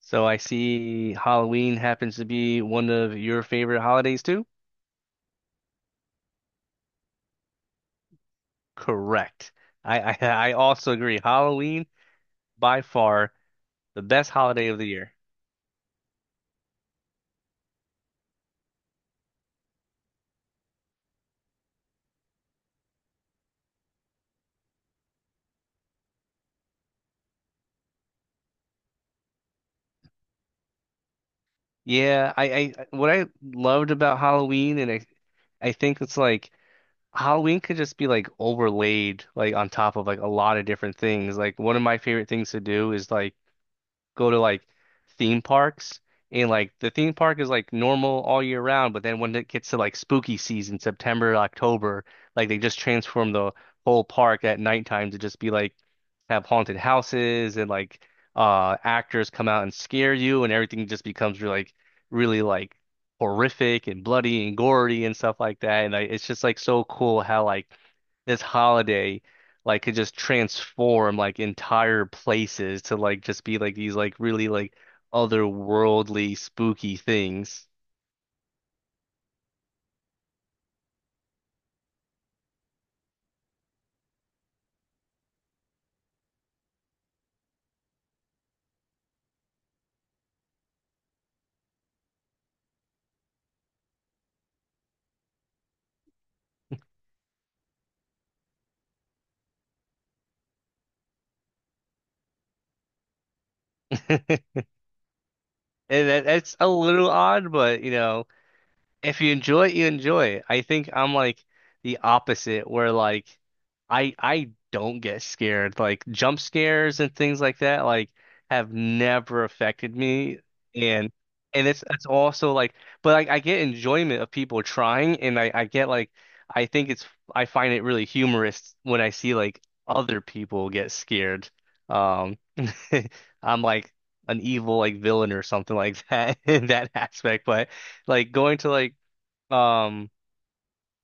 So I see Halloween happens to be one of your favorite holidays too? Correct. I I also agree. Halloween, by far the best holiday of the year. Yeah, I what I loved about Halloween, and I think it's like Halloween could just be like overlaid like on top of like a lot of different things. Like one of my favorite things to do is like go to like theme parks, and like the theme park is like normal all year round, but then when it gets to like spooky season, September, October, like they just transform the whole park at nighttime to just be like have haunted houses, and like actors come out and scare you, and everything just becomes really like horrific and bloody and gory and stuff like that. And like it's just like so cool how like this holiday like could just transform like entire places to like just be like these like really like otherworldly spooky things. And that's a little odd, but you know, if you enjoy it, you enjoy it. I think I'm like the opposite where like I don't get scared. Like jump scares and things like that like have never affected me, and it's also like, but like I get enjoyment of people trying, and I get like, I think it's, I find it really humorous when I see like other people get scared. Um I'm like an evil like villain or something like that in that aspect, but like going to like um,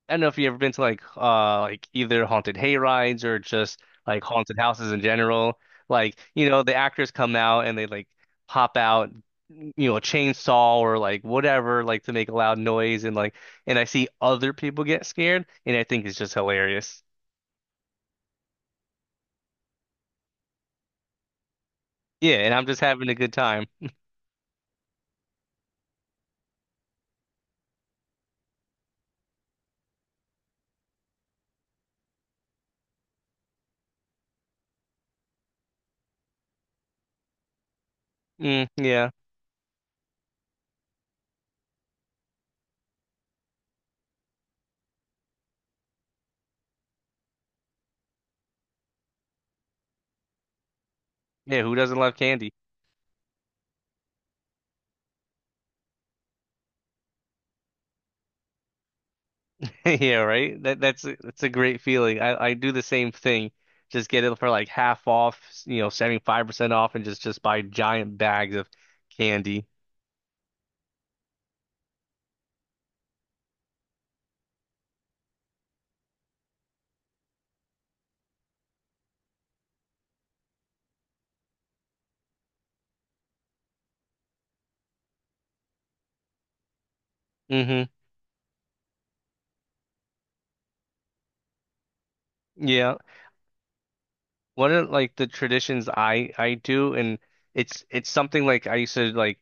I don't know if you've ever been to like either haunted hay rides or just like haunted houses in general. Like, you know, the actors come out and they like pop out, you know, a chainsaw or like whatever, like to make a loud noise, and like and I see other people get scared and I think it's just hilarious. Yeah, and I'm just having a good time. Mm, yeah. Yeah, who doesn't love candy? Yeah, right. That's a great feeling. I do the same thing. Just get it for like half off, you know, 75% off, and just buy giant bags of candy. Hmm. Yeah. One of like the traditions I do, and it's something like I used to like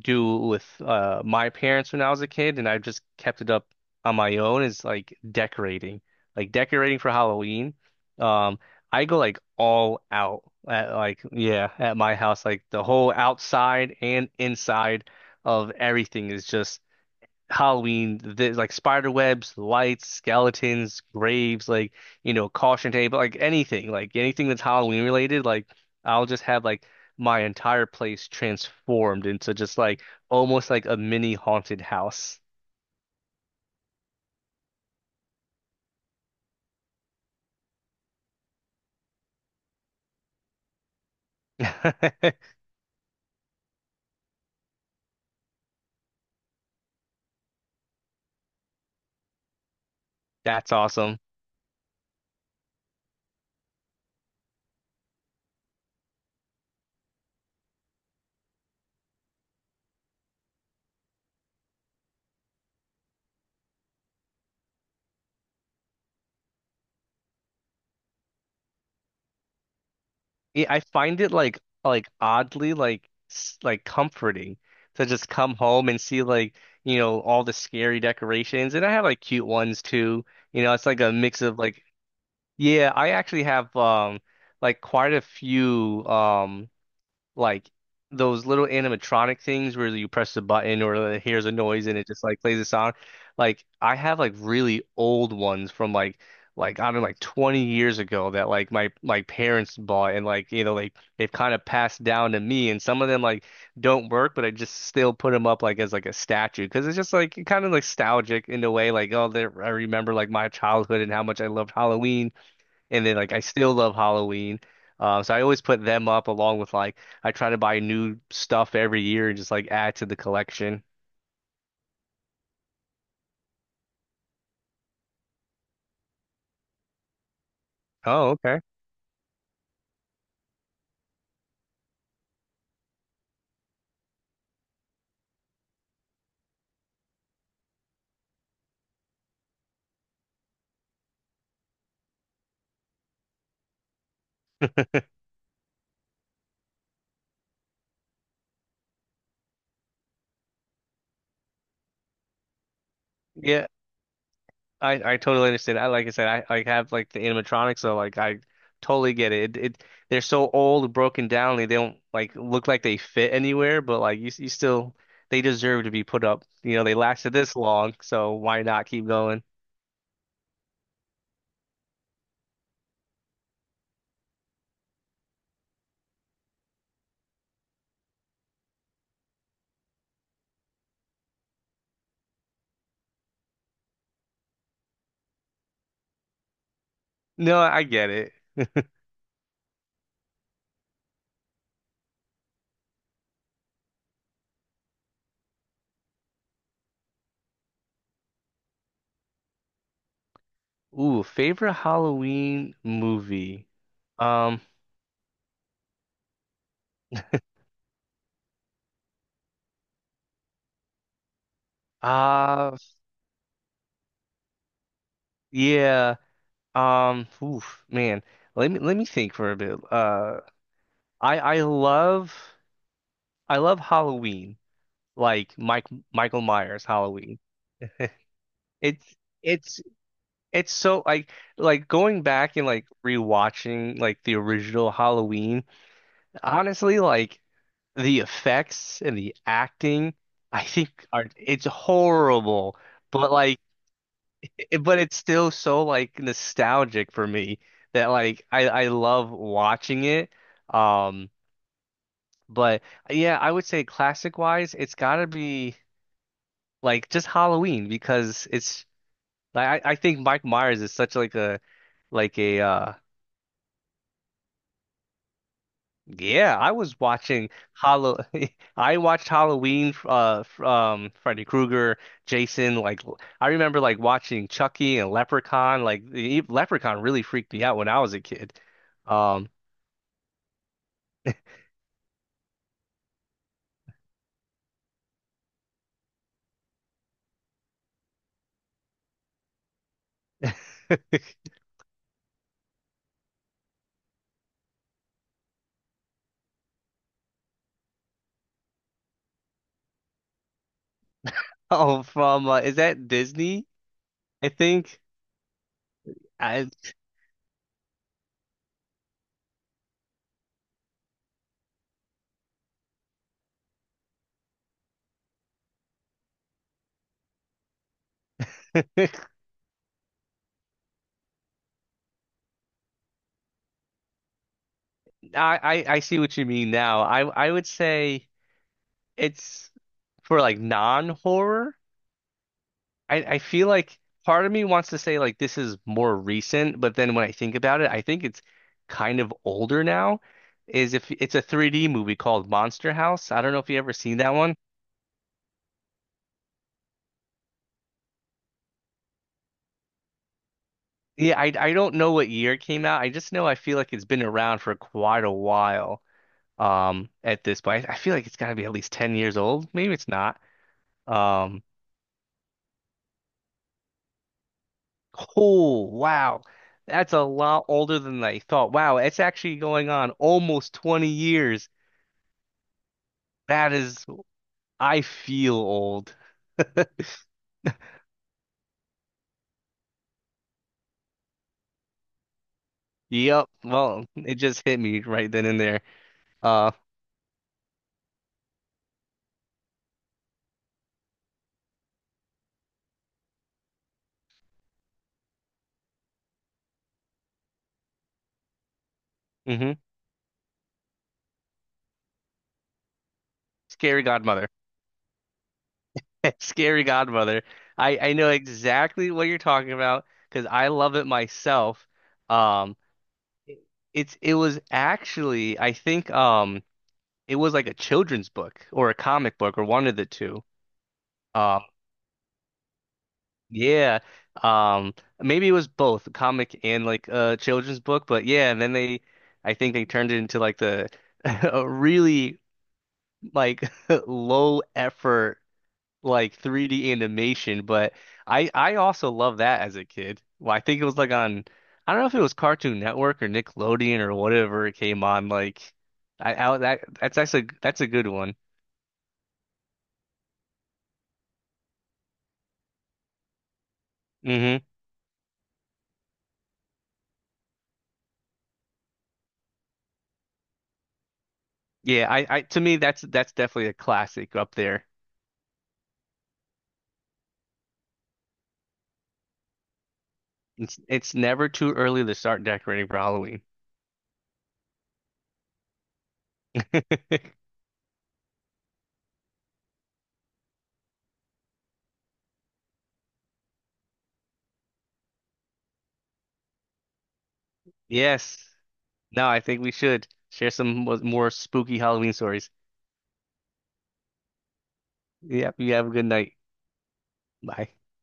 do with my parents when I was a kid, and I just kept it up on my own, is like decorating for Halloween. Um, I go like all out at like, yeah, at my house, like the whole outside and inside of everything is just Halloween, like spider webs, lights, skeletons, graves, like, you know, caution tape, like anything that's Halloween related, like I'll just have like my entire place transformed into just like almost like a mini haunted house. That's awesome. Yeah, I find it like oddly like like comforting to just come home and see, like, you know, all the scary decorations, and I have like cute ones too. You know, it's like a mix of like, yeah, I actually have like quite a few like those little animatronic things where you press the button, or like, hears a noise and it just like plays a sound. Like I have like really old ones from like I don't know like 20 years ago that like my parents bought, and like, you know, like they've kind of passed down to me, and some of them like don't work, but I just still put them up like as like a statue because it's just like kind of nostalgic in a way, like, oh, there, I remember like my childhood and how much I loved Halloween, and then like I still love Halloween. So I always put them up along with, like, I try to buy new stuff every year and just like add to the collection. Oh, okay. Yeah, I totally understand. I, like I said, I like have like the animatronics, so like I totally get it. They're so old and broken down, they don't like look like they fit anywhere, but like you still they deserve to be put up. You know, they lasted this long, so why not keep going? No, I get it. Ooh, favorite Halloween movie. Um, Uh, yeah. Oof, man. Let me think for a bit. I I love I love Halloween. Like Mike Michael Myers Halloween. It's it's it's so like going back and like rewatching like the original Halloween. Honestly, like the effects and the acting, I think are, it's horrible. But but it's still so like nostalgic for me that like I love watching it. Um, but yeah, I would say classic wise, it's gotta be like just Halloween because it's like I think Mike Myers is such like a like a, yeah, I was watching Hollow I watched Halloween, Freddy Krueger, Jason, like I remember like watching Chucky and Leprechaun, like the Leprechaun really freaked me out when I was a kid. Um Oh, from is that Disney? I think I, I I see what you mean now. I would say it's for like non-horror. I feel like part of me wants to say like this is more recent, but then when I think about it, I think it's kind of older now. Is, if it's a 3D movie called Monster House. I don't know if you ever seen that one. Yeah, I don't know what year it came out. I just know I feel like it's been around for quite a while at this point. I feel like it's got to be at least 10 years old. Maybe it's not. Um oh, wow. That's a lot older than I thought. Wow, it's actually going on almost 20 years. That is, I feel old. Yep. Well, it just hit me right then and there. Uh, hmm Scary Godmother. Scary Godmother. I know exactly what you're talking about because I love it myself. Um It- it was actually, I think, it was like a children's book or a comic book or one of the two. Um yeah. Um maybe it was both a comic and like a children's book, but yeah, and then they I think they turned it into like the a really like low effort like 3D animation, but I also love that as a kid. Well, I think it was like on, I don't know if it was Cartoon Network or Nickelodeon or whatever it came on. Like I that's a good one. Hmm, yeah, I to me that's definitely a classic up there. It's never too early to start decorating for Halloween. Yes. No, I think we should share some more spooky Halloween stories. Yep, you have a good night. Bye.